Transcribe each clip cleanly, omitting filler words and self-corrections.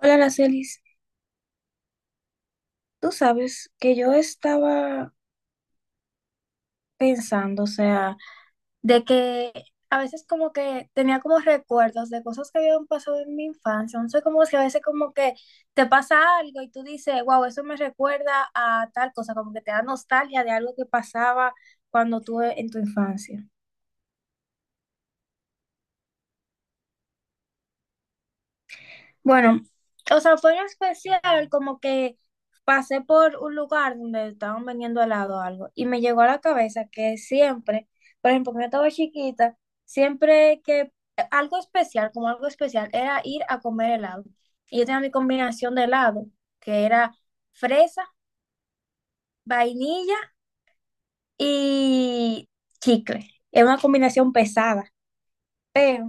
Hola, Aracelis. Tú sabes que yo estaba pensando, o sea, de que a veces como que tenía como recuerdos de cosas que habían pasado en mi infancia. No sé cómo es que a veces como que te pasa algo y tú dices, wow, eso me recuerda a tal cosa, como que te da nostalgia de algo que pasaba cuando tú en tu infancia. Bueno, o sea, fue en especial como que pasé por un lugar donde estaban vendiendo helado o algo y me llegó a la cabeza que siempre, por ejemplo, cuando yo estaba chiquita, siempre que algo especial, como algo especial, era ir a comer helado. Y yo tenía mi combinación de helado, que era fresa, vainilla y chicle. Era una combinación pesada, pero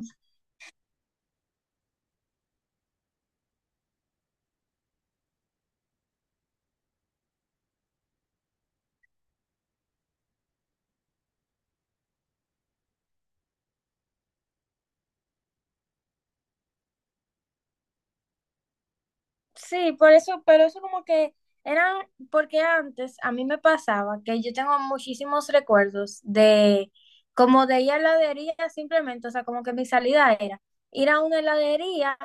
sí, por eso, pero eso como que eran, porque antes a mí me pasaba que yo tengo muchísimos recuerdos de como de ir a heladería simplemente, o sea, como que mi salida era ir a una heladería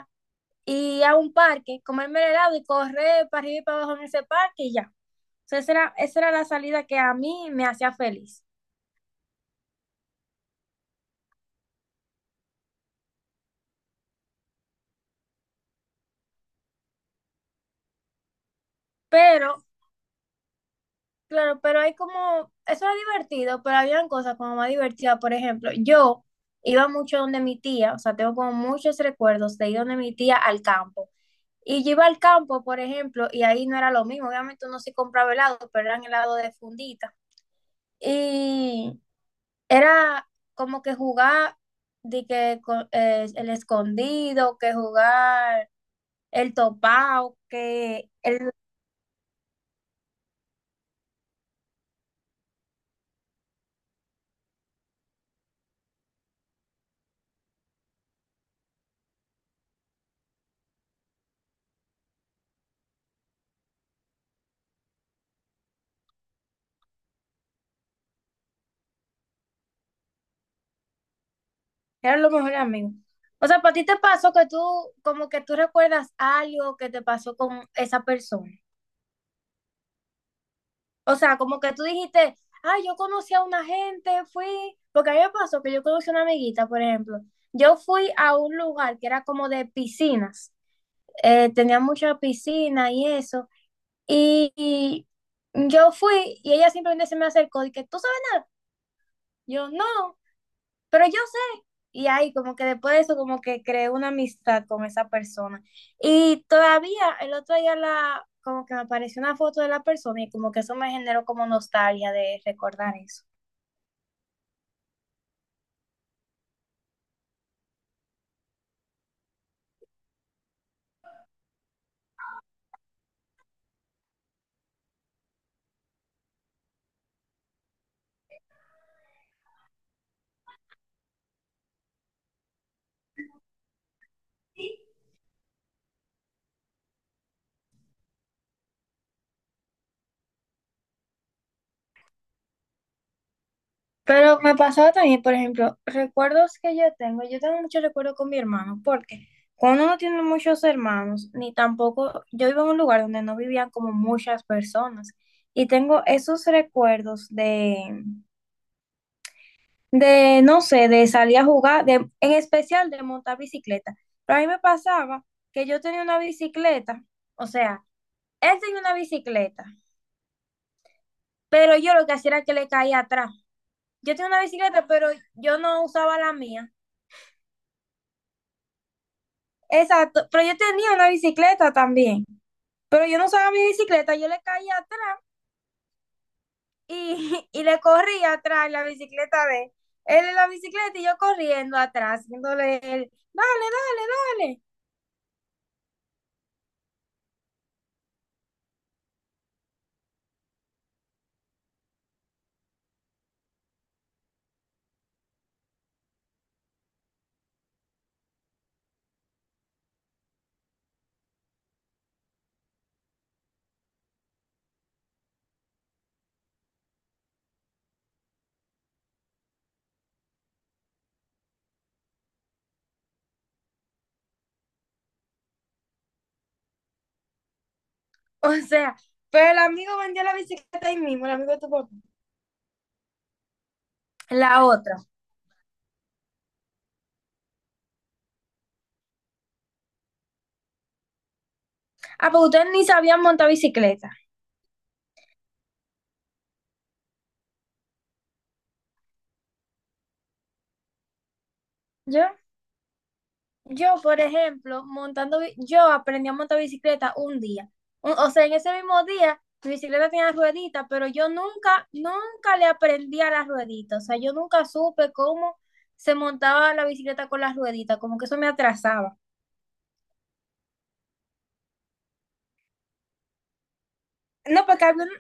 y a un parque, comerme el helado y correr para arriba y para abajo en ese parque y ya. O sea, esa era la salida que a mí me hacía feliz. Pero claro, pero hay como, eso era divertido, pero habían cosas como más divertidas. Por ejemplo, yo iba mucho donde mi tía, o sea, tengo como muchos recuerdos de ir donde mi tía al campo. Y yo iba al campo, por ejemplo, y ahí no era lo mismo. Obviamente uno sí compraba helado, pero eran helado de fundita. Y era como que jugar de que el escondido, que jugar el topado, que el eran los mejores amigos. O sea, ¿para ti te pasó que tú, como que tú recuerdas algo que te pasó con esa persona? O sea, como que tú dijiste, ah, yo conocí a una gente, fui, porque a mí me pasó que yo conocí a una amiguita, por ejemplo. Yo fui a un lugar que era como de piscinas, tenía mucha piscina y eso, y yo fui y ella simplemente se me acercó y que, ¿tú sabes nada? Yo no. Pero yo sé, y ahí como que después de eso como que creé una amistad con esa persona. Y todavía el otro día la, como que me apareció una foto de la persona y como que eso me generó como nostalgia de recordar eso. Pero me pasaba también, por ejemplo, recuerdos que yo tengo. Yo tengo muchos recuerdos con mi hermano, porque cuando uno tiene muchos hermanos, ni tampoco, yo vivo en un lugar donde no vivían como muchas personas. Y tengo esos recuerdos de, no sé, de salir a jugar, de, en especial de montar bicicleta. Pero a mí me pasaba que yo tenía una bicicleta, o sea, él tenía una bicicleta, pero yo lo que hacía era que le caía atrás. Yo tenía una bicicleta, pero yo no usaba la mía. Exacto, pero yo tenía una bicicleta también, pero yo no usaba mi bicicleta, yo le caía atrás y, y le corría atrás en la bicicleta de él. Él en la bicicleta y yo corriendo atrás, haciéndole él, dale, dale, dale. O sea, pero el amigo vendió la bicicleta ahí mismo, el amigo de tu papá. La otra. Ah, pues ustedes ni sabían montar bicicleta. Yo, yo, por ejemplo, montando, yo aprendí a montar bicicleta un día. O sea, en ese mismo día, mi bicicleta tenía ruedita, pero yo nunca, nunca le aprendí a las rueditas. O sea, yo nunca supe cómo se montaba la bicicleta con las rueditas, como que eso me atrasaba. No, porque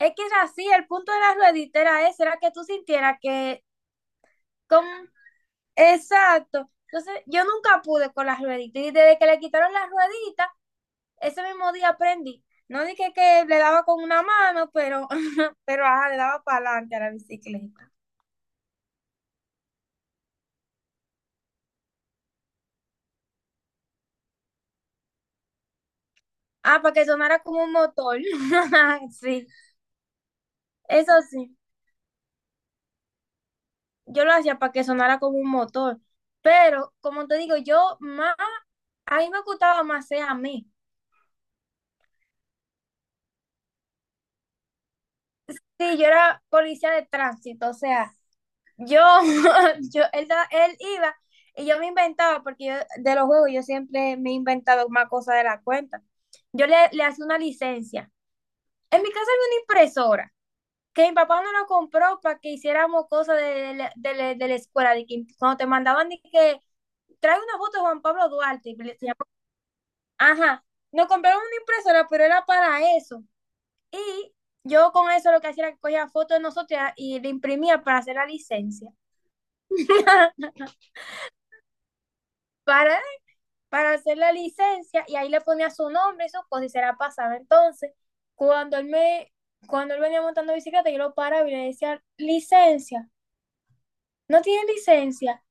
es que era así, el punto de las rueditas era ese, era que tú sintieras que con... exacto. Entonces, yo nunca pude con las rueditas. Y desde que le quitaron las rueditas, ese mismo día aprendí. No dije que le daba con una mano, pero, pero ajá, le daba para adelante a la bicicleta. Ah, para que sonara como un motor. Sí, eso sí. Yo lo hacía para que sonara como un motor. Pero, como te digo, yo más, a mí me gustaba más ser a mí. Sí, yo era policía de tránsito, o sea, yo, yo, él iba y yo me inventaba, porque yo de los juegos yo siempre me he inventado más cosas de la cuenta. Yo le, le hacía una licencia. En mi casa había una impresora, que mi papá no la compró para que hiciéramos cosas de, de la escuela, de que cuando te mandaban de que trae una foto de Juan Pablo Duarte. Y le decíamos, ajá, nos compraron una impresora, pero era para eso. Y yo con eso lo que hacía era que cogía fotos de nosotros y la imprimía para hacer la licencia. Para para hacer la licencia y ahí le ponía su nombre y su cosa y se la pasaba. Entonces, cuando él me, cuando él venía montando bicicleta, yo lo paraba y le decía, licencia, ¿no tiene licencia?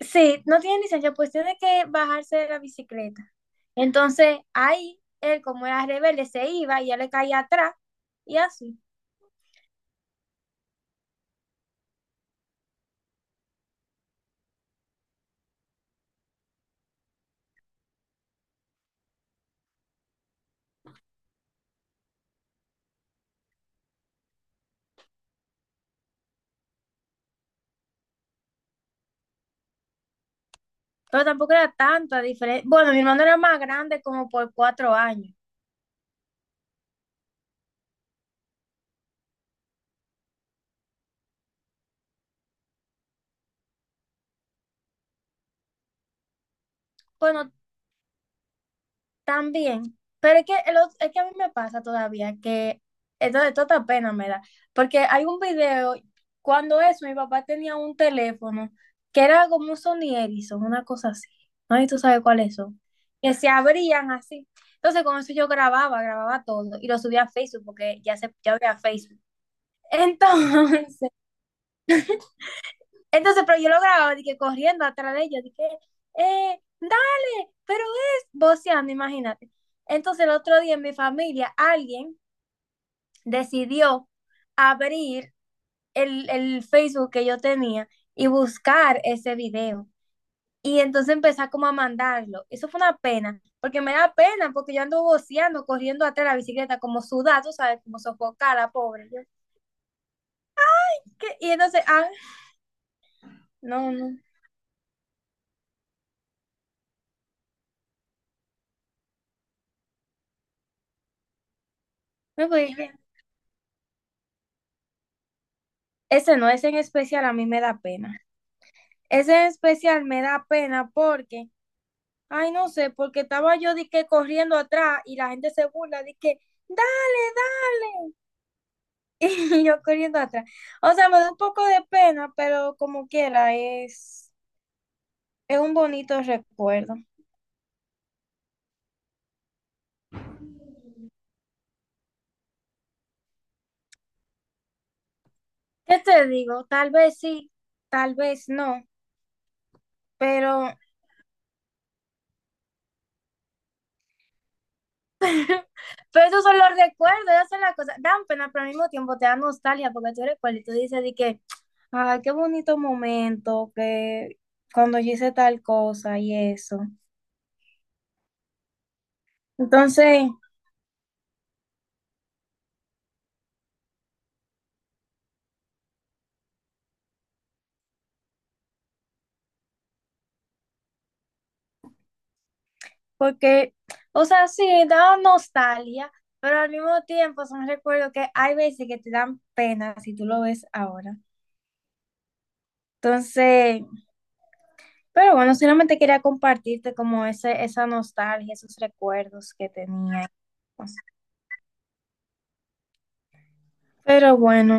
Sí, no tiene licencia, pues tiene que bajarse de la bicicleta. Entonces, ahí él, como era rebelde, se iba y ya le caía atrás y así. Pero tampoco era tanta diferencia. Bueno, mi hermano era más grande como por 4 años. Bueno, también, pero es que, es que a mí me pasa todavía que esto de toda pena me da, porque hay un video, cuando eso, mi papá tenía un teléfono que era como un Sony Ericsson, una cosa así, ¿no? Y tú sabes cuáles son, que se abrían así. Entonces con eso yo grababa, grababa todo y lo subía a Facebook porque ya, se, ya había Facebook. Entonces, entonces, pero yo lo grababa, dije, corriendo atrás de ellos, dije, dale, pero es voceando, imagínate. Entonces, el otro día en mi familia, alguien decidió abrir el Facebook que yo tenía y buscar ese video. Y entonces empezar como a mandarlo. Eso fue una pena, porque me da pena, porque yo ando voceando, corriendo atrás de la bicicleta, como sudada, tú sabes, como sofocada, pobre. Yo, ¿qué? Y entonces, ah, no, no, no, pues, ese no, ese en especial a mí me da pena. Ese en especial me da pena porque, ay, no sé, porque estaba yo de que corriendo atrás y la gente se burla de que, dale, dale, y yo corriendo atrás. O sea, me da un poco de pena, pero como quiera, es un bonito recuerdo. ¿Qué te digo? Tal vez sí, tal vez no, pero Pero esos son los recuerdos, esas son las cosas. Dan pena, pero al mismo tiempo te da nostalgia porque tú recuerdas y tú dices de que, ay, qué bonito momento, que cuando yo hice tal cosa y eso. Entonces, porque, o sea, sí, da nostalgia, pero al mismo tiempo son recuerdos que hay veces que te dan pena si tú lo ves ahora. Entonces, pero bueno, solamente quería compartirte como ese, esa nostalgia, esos recuerdos que tenía. Pero bueno.